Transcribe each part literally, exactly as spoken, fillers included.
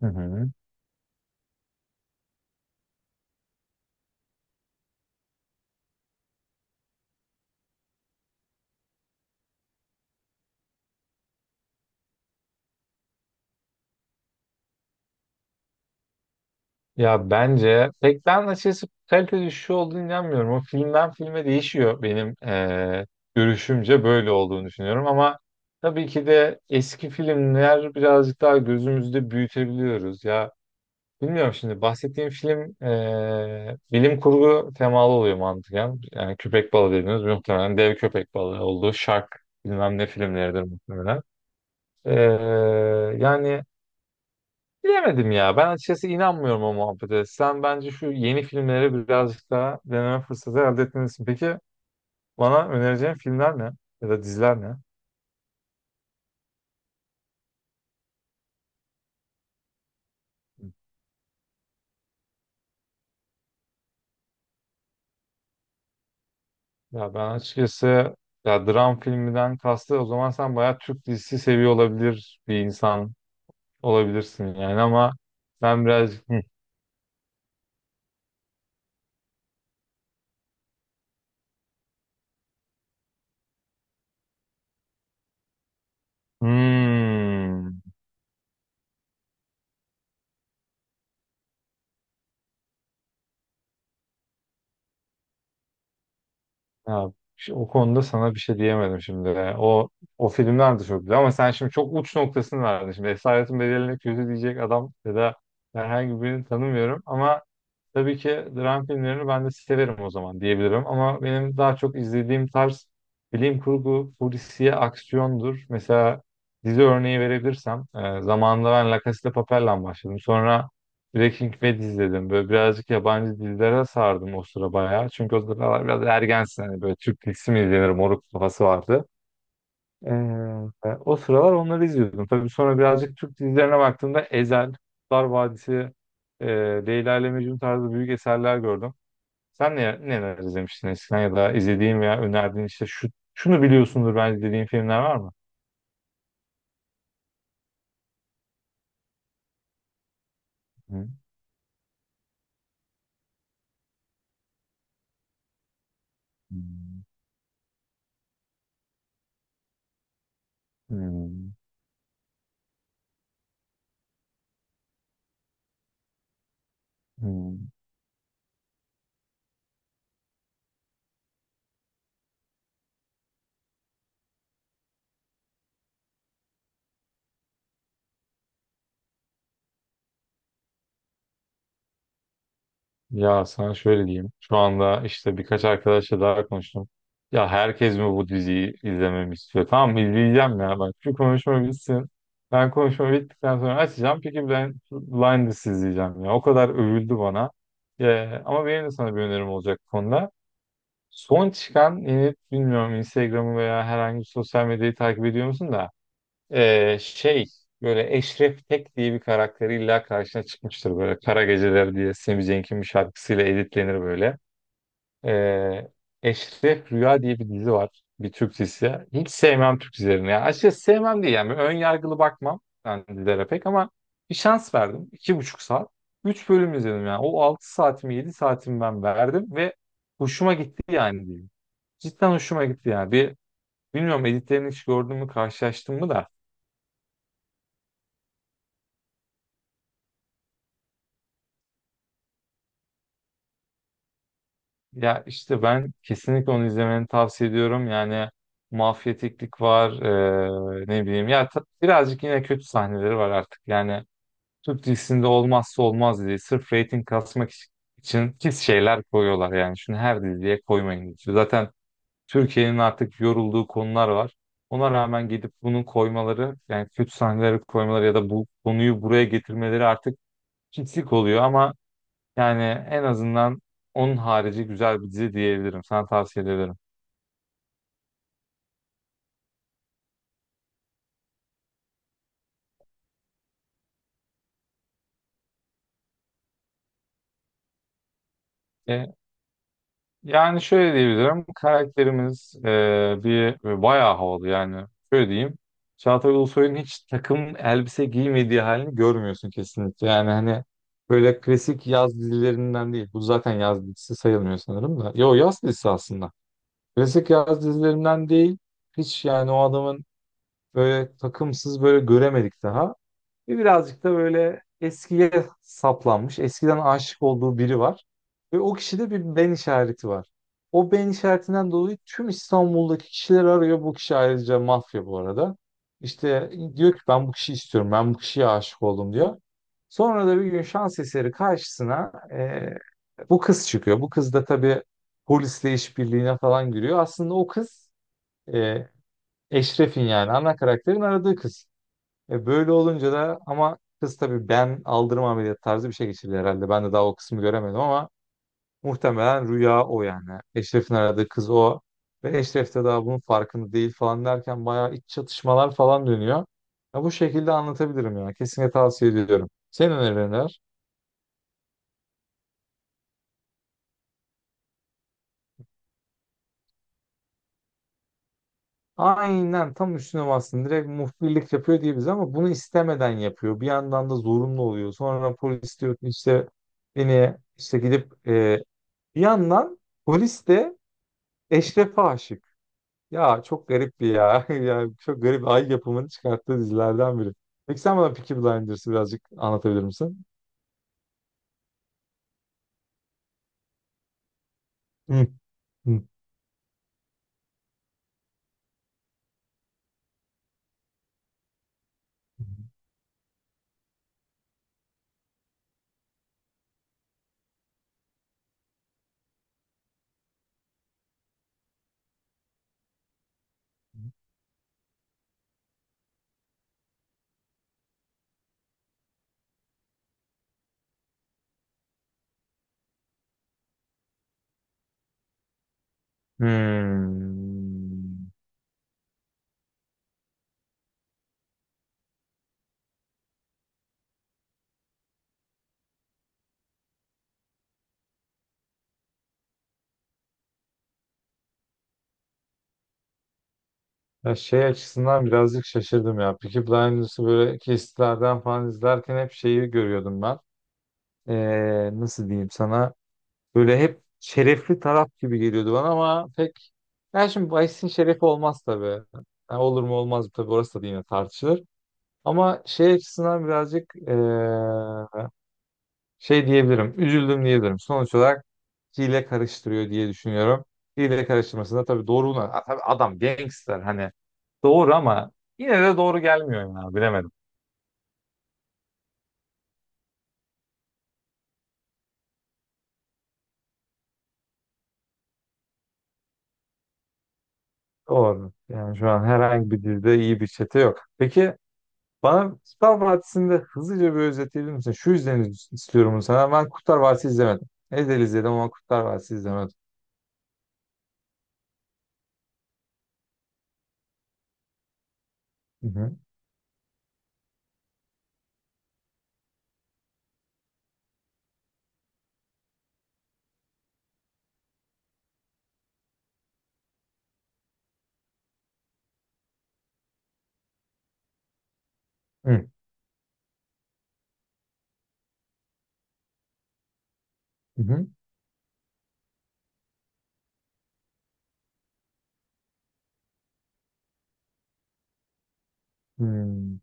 Hı hı. Ya bence pek ben açıkçası kalite düşüşü olduğunu inanmıyorum. O filmden filme değişiyor benim eee, görüşümce böyle olduğunu düşünüyorum ama tabii ki de eski filmler birazcık daha gözümüzde büyütebiliyoruz. Ya bilmiyorum şimdi bahsettiğim film eee, bilim kurgu temalı oluyor mantıken. Yani köpek balığı dediğimiz muhtemelen dev köpek balığı olduğu Shark bilmem ne filmleridir muhtemelen. Eee, yani bilemedim ya. Ben açıkçası inanmıyorum o muhabbete. Sen bence şu yeni filmleri birazcık daha deneme fırsatı elde etmelisin. Peki bana önereceğin filmler ne? Ya da diziler ne? Ya ben açıkçası ya dram filminden kastı o zaman sen bayağı Türk dizisi seviyor olabilir bir insan olabilirsin yani ama ben birazcık Hı. Hmm. Ya, şu- o konuda sana bir şey diyemedim şimdi. O o filmler de çok güzel ama sen şimdi çok uç noktasını verdin. Şimdi Esaretin bedeline kötü diyecek adam ya da herhangi birini tanımıyorum ama tabii ki dram filmlerini ben de severim o zaman diyebilirim ama benim daha çok izlediğim tarz bilim kurgu, polisiye, aksiyondur. Mesela dizi örneği verebilirsem e, zamanında ben La Casa de Papel'le başladım. Sonra Breaking Bad izledim. Böyle birazcık yabancı dizilere sardım o sıra bayağı. Çünkü o sıralar biraz ergensin. Hani böyle Türk dizisi mi izlenir moruk kafası vardı. Ee, o sıralar onları izliyordum. Tabii sonra birazcık Türk dizilerine baktığımda Ezel, Kurtlar Vadisi, e, Leyla ile Mecnun tarzı büyük eserler gördüm. Sen ne, neler izlemiştin eskiden ya da izlediğin veya önerdiğin işte şu, şunu biliyorsundur bence dediğin filmler var mı? Hı, hı, hı, hı. Ya sana şöyle diyeyim. Şu anda işte birkaç arkadaşla daha konuştum. Ya herkes mi bu diziyi izlememi istiyor? Tamam izleyeceğim ya. Bak şu konuşma bitsin. Ben konuşma bittikten sonra açacağım. Peki ben Blinders izleyeceğim ya. O kadar övüldü bana. Ya, ama benim de sana bir önerim olacak bu konuda. Son çıkan yeni bilmiyorum Instagram'ı veya herhangi bir sosyal medyayı takip ediyor musun da ee, şey böyle Eşref Tek diye bir karakter illa karşına çıkmıştır böyle Kara Geceler diye Sami Cenk'in bir şarkısıyla editlenir böyle. Ee, Eşref Rüya diye bir dizi var. Bir Türk dizisi. Hiç sevmem Türk dizilerini. Yani açıkçası sevmem değil yani. Ön yargılı bakmam ben dizilere pek ama bir şans verdim. iki buçuk saat. Üç bölüm izledim yani. O altı saatimi yedi saatimi ben verdim ve hoşuma gitti yani diyeyim. Cidden hoşuma gitti yani. Bir, bilmiyorum editlerini hiç gördün mü karşılaştın mı da ya işte ben kesinlikle onu izlemeni tavsiye ediyorum. Yani mafyatiklik var, eee, ne bileyim. Ya ta- birazcık yine kötü sahneleri var artık. Yani Türk dizisinde olmazsa olmaz diye sırf reyting kasmak iç- için pis şeyler koyuyorlar yani. Şunu her diziye koymayın diyor. Zaten Türkiye'nin artık yorulduğu konular var. Ona rağmen gidip bunu koymaları, yani kötü sahneleri koymaları ya da bu konuyu buraya getirmeleri artık pislik oluyor ama yani en azından onun harici güzel bir dizi diyebilirim. Sana tavsiye ederim. E, Yani şöyle diyebilirim. Karakterimiz e, bir e, bayağı havalı yani. Şöyle diyeyim. Çağatay Ulusoy'un hiç takım elbise giymediği halini görmüyorsun kesinlikle. Yani hani böyle klasik yaz dizilerinden değil. Bu zaten yaz dizisi sayılmıyor sanırım da. Yo, yaz dizisi aslında. Klasik yaz dizilerinden değil. Hiç yani o adamın böyle takımsız böyle göremedik daha. Ve birazcık da böyle eskiye saplanmış, eskiden aşık olduğu biri var. Ve o kişide bir ben işareti var. O ben işaretinden dolayı tüm İstanbul'daki kişileri arıyor. Bu kişi ayrıca mafya bu arada. İşte diyor ki ben bu kişiyi istiyorum, ben bu kişiye aşık oldum diyor. Sonra da bir gün şans eseri karşısına e, bu kız çıkıyor. Bu kız da tabii polisle işbirliğine falan giriyor. Aslında o kız e, Eşref'in yani ana karakterin aradığı kız. E böyle olunca da ama kız tabii ben aldırma ameliyatı tarzı bir şey geçirdi herhalde. Ben de daha o kısmı göremedim ama muhtemelen rüya o yani. Eşref'in aradığı kız o. Ve Eşref de daha bunun farkında değil falan derken bayağı iç çatışmalar falan dönüyor. Ya bu şekilde anlatabilirim ya. Kesinlikle tavsiye ediyorum. Senin önerilerin neler? Aynen tam üstüne bastın. Direkt muhbirlik yapıyor diye bize ama bunu istemeden yapıyor. Bir yandan da zorunlu oluyor. Sonra polis diyor ki işte beni işte gidip e, bir yandan polis de Eşref'e aşık. Ya çok garip bir ya. Yani çok garip Ay yapımını çıkarttığı dizilerden biri. Peki sen bana Peaky Blinders'ı birazcık anlatabilir misin? Hı, hı. Hmm. Ya şey açısından birazcık şaşırdım ya. Peaky Blinders'ı böyle kesitlerden falan izlerken hep şeyi görüyordum ben. Ee, nasıl diyeyim sana? Böyle hep şerefli taraf gibi geliyordu bana ama pek... Ya şimdi Vice'in şerefi olmaz tabii. Ha, olur mu olmaz mı tabii orası da yine tartışılır. Ama şey açısından birazcık eee, şey diyebilirim. Üzüldüm diyebilirim. Sonuç olarak hile karıştırıyor diye düşünüyorum. Hile karıştırmasında tabii doğru A- tabii adam gangster hani doğru ama yine de doğru gelmiyor ya bilemedim. Doğru. Yani şu an herhangi bir dilde iyi bir çete yok. Peki bana Kurtlar Vadisi'nde hızlıca bir özetleyebilir misin? Şu yüzden istiyorum bunu sana. Ben Kurtlar Vadisi izlemedim. Ezel izledim ama Kurtlar Vadisi izlemedim. Hı hı. Hı hı. Hı. Hmm.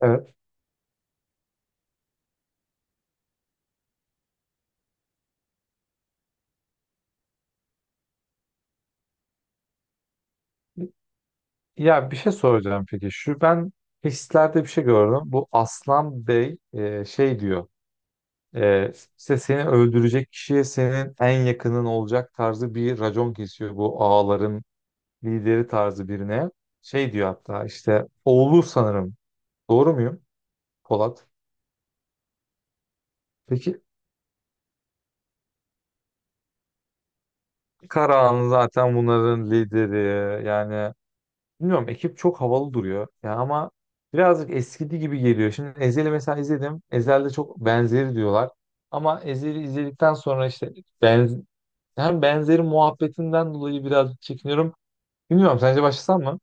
Evet. Ya bir şey soracağım peki. Şu ben hislerde bir şey gördüm. Bu Aslan Bey e, şey diyor. E, işte seni öldürecek kişiye senin en yakının olacak tarzı bir racon kesiyor bu ağaların lideri tarzı birine. Şey diyor hatta işte oğlu sanırım. Doğru muyum Polat? Peki Karahan zaten bunların lideri yani. Bilmiyorum ekip çok havalı duruyor. Ya ama birazcık eskidi gibi geliyor. Şimdi Ezel'i mesela izledim. Ezel'de çok benzeri diyorlar. Ama Ezel'i izledikten sonra işte benz hem benzeri muhabbetinden dolayı birazcık çekiniyorum. Bilmiyorum sence başlasam mı?